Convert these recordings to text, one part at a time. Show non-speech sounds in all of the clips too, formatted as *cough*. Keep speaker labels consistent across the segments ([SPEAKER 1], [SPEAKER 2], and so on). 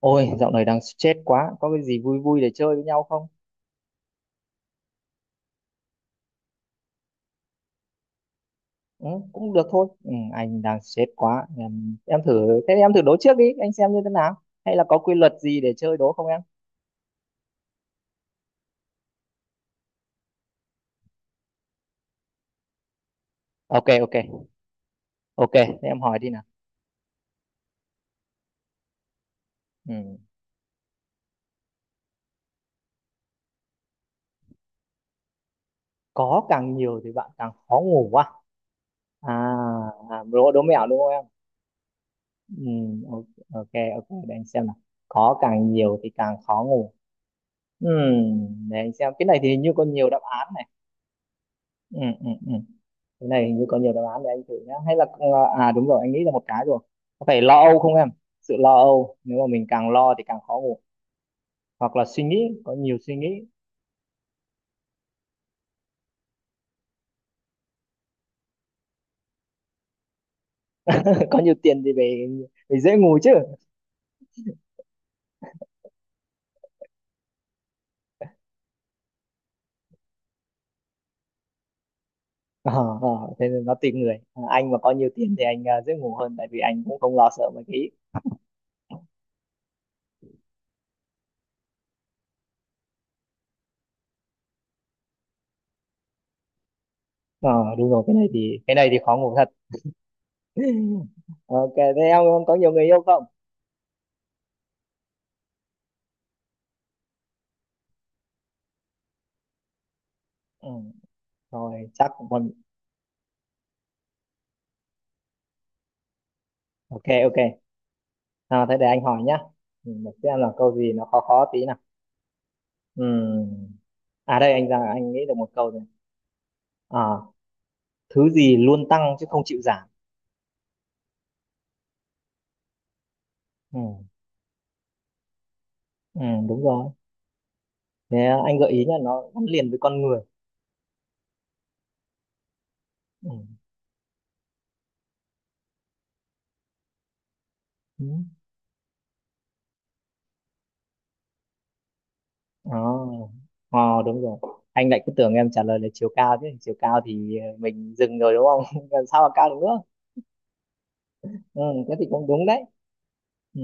[SPEAKER 1] Ôi, dạo này đang stress quá, có cái gì vui vui để chơi với nhau không? Ừ, cũng được thôi. Ừ, anh đang stress quá. Em thử thế em thử đố trước đi, anh xem như thế nào. Hay là có quy luật gì để chơi đố không em? Ok ok. Ok, thế em hỏi đi nào. Ừ. Có càng nhiều thì bạn càng khó ngủ à? À, à, đố đố mẹo đúng không em? Ừ, ok ok, ok, để anh xem nào. Có càng nhiều thì càng khó ngủ. Ừ, để anh xem. Cái này thì hình như có nhiều đáp án này. Ừ, ừ, ừ. Cái này hình như có nhiều đáp án để anh thử nhá, hay là à, đúng rồi, anh nghĩ ra một cái rồi. Có phải lo âu không em? Sự lo âu, nếu mà mình càng lo thì càng khó ngủ. Hoặc là suy nghĩ, có nhiều suy nghĩ. *laughs* Có nhiều tiền thì về về dễ ngủ chứ. Ờ, ờ, thế nên nó tùy người. À, anh mà có nhiều tiền thì anh dễ ngủ hơn, tại vì anh cũng không lo sợ mấy cái ý. ờ Đúng rồi, cái này thì khó ngủ thật. *laughs* Ok, thế em có nhiều người yêu không? Ừ, rồi chắc cũng còn. Ok ok. À, thế để anh hỏi nhá. Ừ, để xem là câu gì nó khó khó tí nào. Ừ. À đây, anh nghĩ được một câu rồi. À, thứ gì luôn tăng chứ không chịu giảm. Ừ. Ừ, đúng rồi. Thế anh gợi ý nhá, nó gắn liền với con người. Ừ. Ừ. Đó. Ờ, đúng rồi. Anh lại cứ tưởng em trả lời là chiều cao chứ. Chiều cao thì mình dừng rồi đúng không? *laughs* Làm sao mà cao được nữa? Ừ, thế thì cũng đúng đấy. Ừ.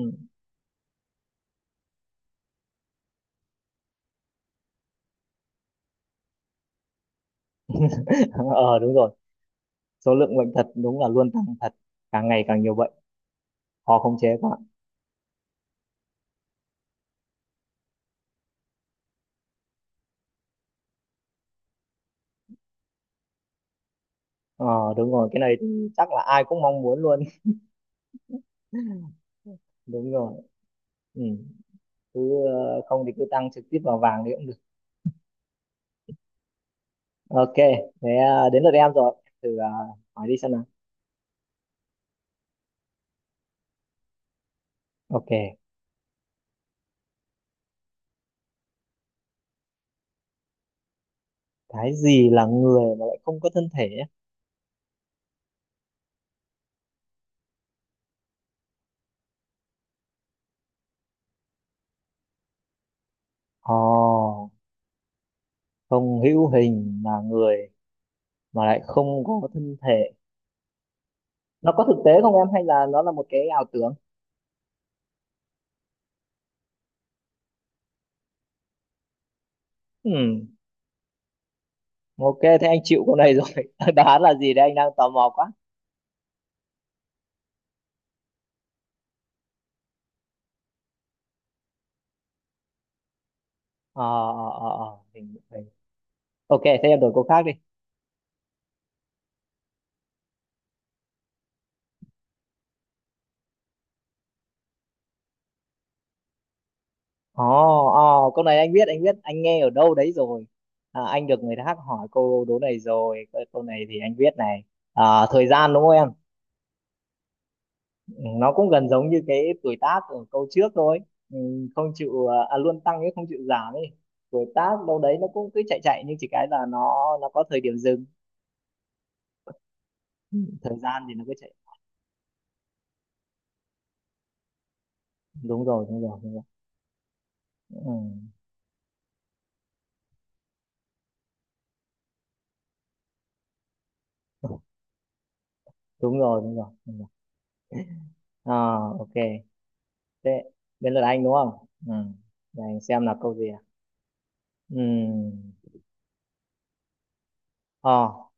[SPEAKER 1] *laughs* Ờ, đúng rồi. Số lượng bệnh thật đúng là luôn tăng thật. Càng ngày càng nhiều bệnh. Khó khống chế quá. Ờ, đúng rồi. Cái này thì chắc là ai cũng mong muốn luôn. *laughs* Đúng rồi. Ừ. Cứ không thì cứ tăng trực tiếp vào vàng thì cũng được. Ok, thế đến lượt em rồi. Thử hỏi đi xem nào. Ok, cái gì là người mà lại không có thân thể nhé? Ồ, không hữu hình là người mà lại không có thân thể. Nó có thực tế không em, hay là nó là một cái ảo tưởng? Ừm, ok, thế anh chịu câu này rồi. *laughs* Đáp án là gì đấy, anh đang tò mò quá. ờ Hình. Ok, thế em đổi câu khác đi. Ồ, ồ, câu này anh biết, anh biết, anh nghe ở đâu đấy rồi. À, anh được người khác hỏi câu đố này rồi. Câu câu này thì anh biết này. À, thời gian đúng không em? Ừ, nó cũng gần giống như cái tuổi tác ở câu trước thôi. Ừ, không chịu, luôn tăng chứ không chịu giảm ấy. Tuổi tác đâu đấy nó cũng cứ chạy chạy, nhưng chỉ cái là nó có thời điểm dừng. Ừ, thời gian thì nó cứ chạy. Đúng rồi, đúng rồi, đúng rồi. Ừ, đúng rồi, đúng rồi. Đúng rồi. À, ok. Thế, đến lượt anh đúng không? Ừ. Để anh xem là câu gì. Ừm. Ờ,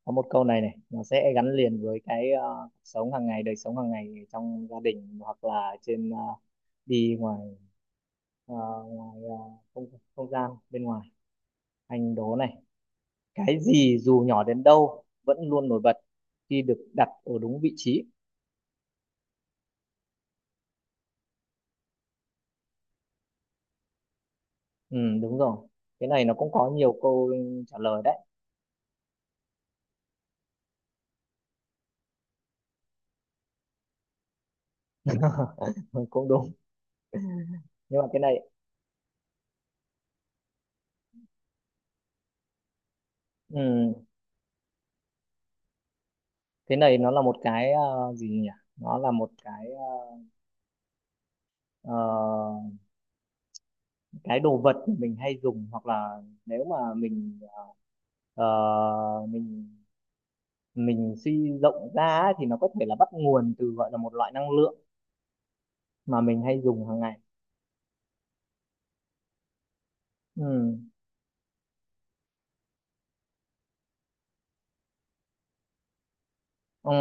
[SPEAKER 1] có một câu này này nó sẽ gắn liền với cái ờ, cuộc sống hàng ngày đời sống hàng ngày, trong gia đình hoặc là trên ờ, đi ờ, ngoài ờ, không không gian bên ngoài. Anh đố này, cái gì dù nhỏ đến đâu vẫn luôn nổi bật khi được đặt ở đúng vị trí? Ừ, đúng rồi, cái này nó cũng có nhiều câu trả lời đấy. *laughs* Ừ, cũng đúng. Nhưng mà ừ, cái này nó là một cái gì nhỉ? Nó là một cái ờ, cái đồ vật mà mình hay dùng, hoặc là nếu mà mình ờ, mình mình suy rộng ra á, thì nó có thể là bắt nguồn từ gọi là một loại năng lượng mà mình hay dùng hàng ngày. Ừ. Ừ.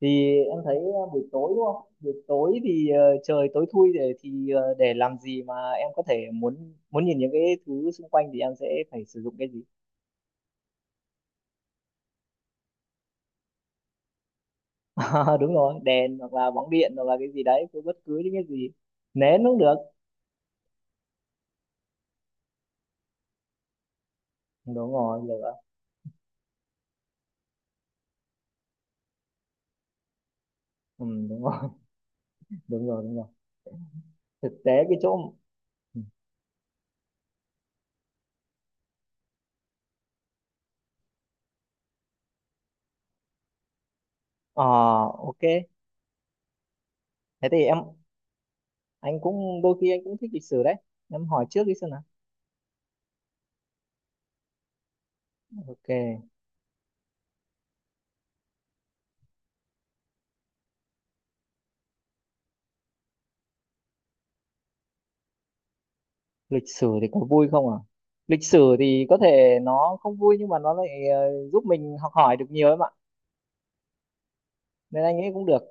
[SPEAKER 1] Thì em thấy buổi tối đúng không? Buổi tối thì trời tối thui, để làm gì mà em có thể muốn muốn nhìn những cái thứ xung quanh thì em sẽ phải sử dụng cái gì? *laughs* À, đúng rồi, đèn hoặc là bóng điện, hoặc là cái gì đấy, bất cứ những cái gì, nến cũng được. Đúng rồi, lửa. Ừ, đúng rồi, đúng rồi, đúng rồi. Thực tế cái chỗ. Ừ. ờ ok, thế thì em, anh cũng đôi khi anh cũng thích lịch sử đấy, em hỏi trước đi xem nào. Ok. Lịch sử thì có vui không à? Lịch sử thì có thể nó không vui, nhưng mà nó lại giúp mình học hỏi được nhiều em ạ, nên anh nghĩ cũng được.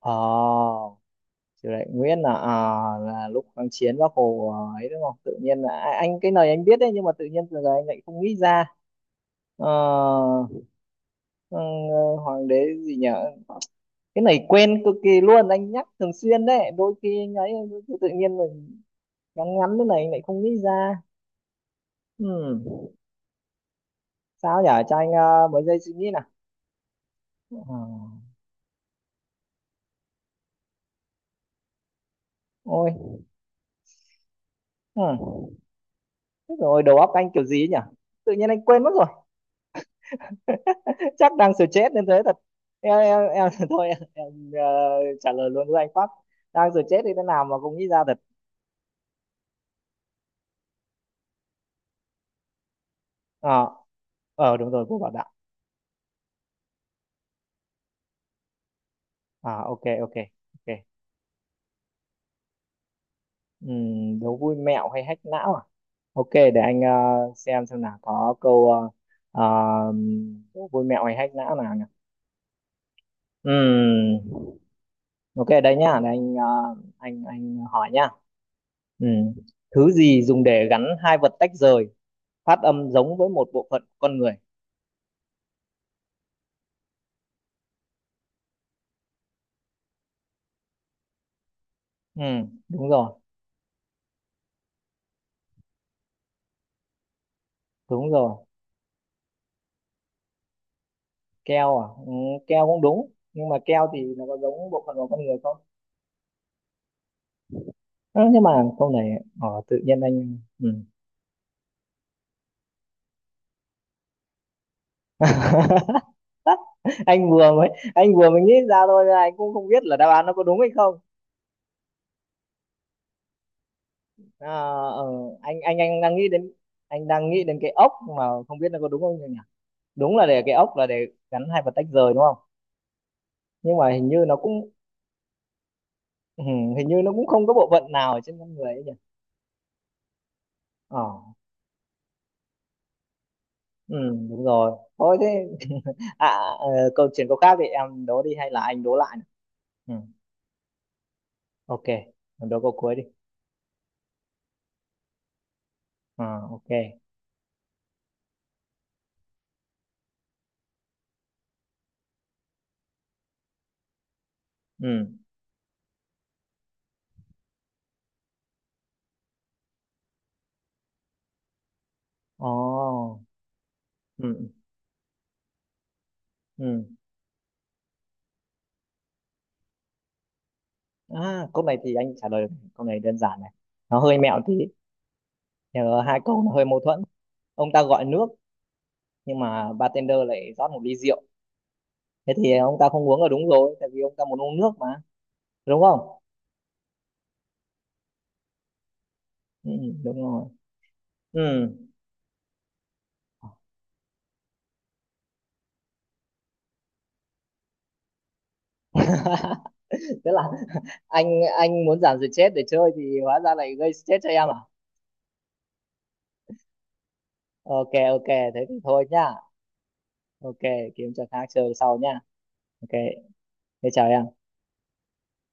[SPEAKER 1] ờ Chủ đại Nguyễn là lúc kháng chiến Bác Hồ ấy đúng không? Tự nhiên là anh, cái này anh biết đấy, nhưng mà tự nhiên giờ anh lại không nghĩ ra. Ờ, ừ, hoàng đế gì nhỉ? Cái này quen cực kỳ luôn, anh nhắc thường xuyên đấy đôi khi anh ấy tự tự nhiên mình ngắn ngắn thế này lại không nghĩ ra. Ừm, sao nhở, cho anh mấy giây suy nghĩ nào. Ờ, ôi, ừm, rồi đầu óc anh kiểu gì ấy nhỉ, tự nhiên anh quên mất rồi. *laughs* Chắc đang stress nên thế thật. *laughs* Thôi em, trả lời luôn với anh. Pháp. Đang stress thì thế nào mà không nghĩ ra thật. ờ Đúng rồi, cô bảo đạo. À, ok ok ok. Đố vui mẹo hay hack não à? Ok, để anh xem nào có câu ờ, vui mẹo hay hack não nào nhỉ. Ừm, ok đây nhá, để anh hỏi nhá. Ừm, Thứ gì dùng để gắn hai vật tách rời, phát âm giống với một bộ phận của con người? Đúng rồi, đúng rồi. Keo à? Ừ, keo cũng đúng, nhưng mà keo thì nó có giống bộ phận của con người không? Ơ, nhưng mà câu này tự nhiên anh *laughs* anh vừa mới anh vừa mới nghĩ ra thôi, anh cũng không biết là đáp án nó có đúng hay không. À, ờ, anh đang nghĩ đến, anh đang nghĩ đến cái ốc mà không biết nó có đúng không nhỉ. Đúng là cái ốc là để gắn hai vật tách rời đúng không? Nhưng mà ừ, hình như nó cũng không có bộ phận nào ở trên con người ấy nhỉ. ờ ừ, đúng rồi. Thôi thế à, ờ, câu khác thì em đố đi hay là anh đố lại. Ừ, ok, em đố câu cuối đi. À, ok. Ừ. Ồ. Ừ. Ừ. À, câu này thì anh trả lời được, câu này đơn giản này. Nó hơi mẹo tí. Nhờ, hai câu nó hơi mâu thuẫn. Ông ta gọi nước nhưng mà bartender lại rót một ly rượu, thế thì ông ta không uống là đúng rồi, tại vì ông ta muốn uống nước mà, đúng không? Ừ, đúng rồi. Ừ. Tức là, *laughs* anh muốn giảm stress để chơi thì hóa ra lại gây stress cho em à? Ok ok, thế thì thôi nhá. Ok, kiếm trò khác chơi sau nhá. Ok, thế chào em.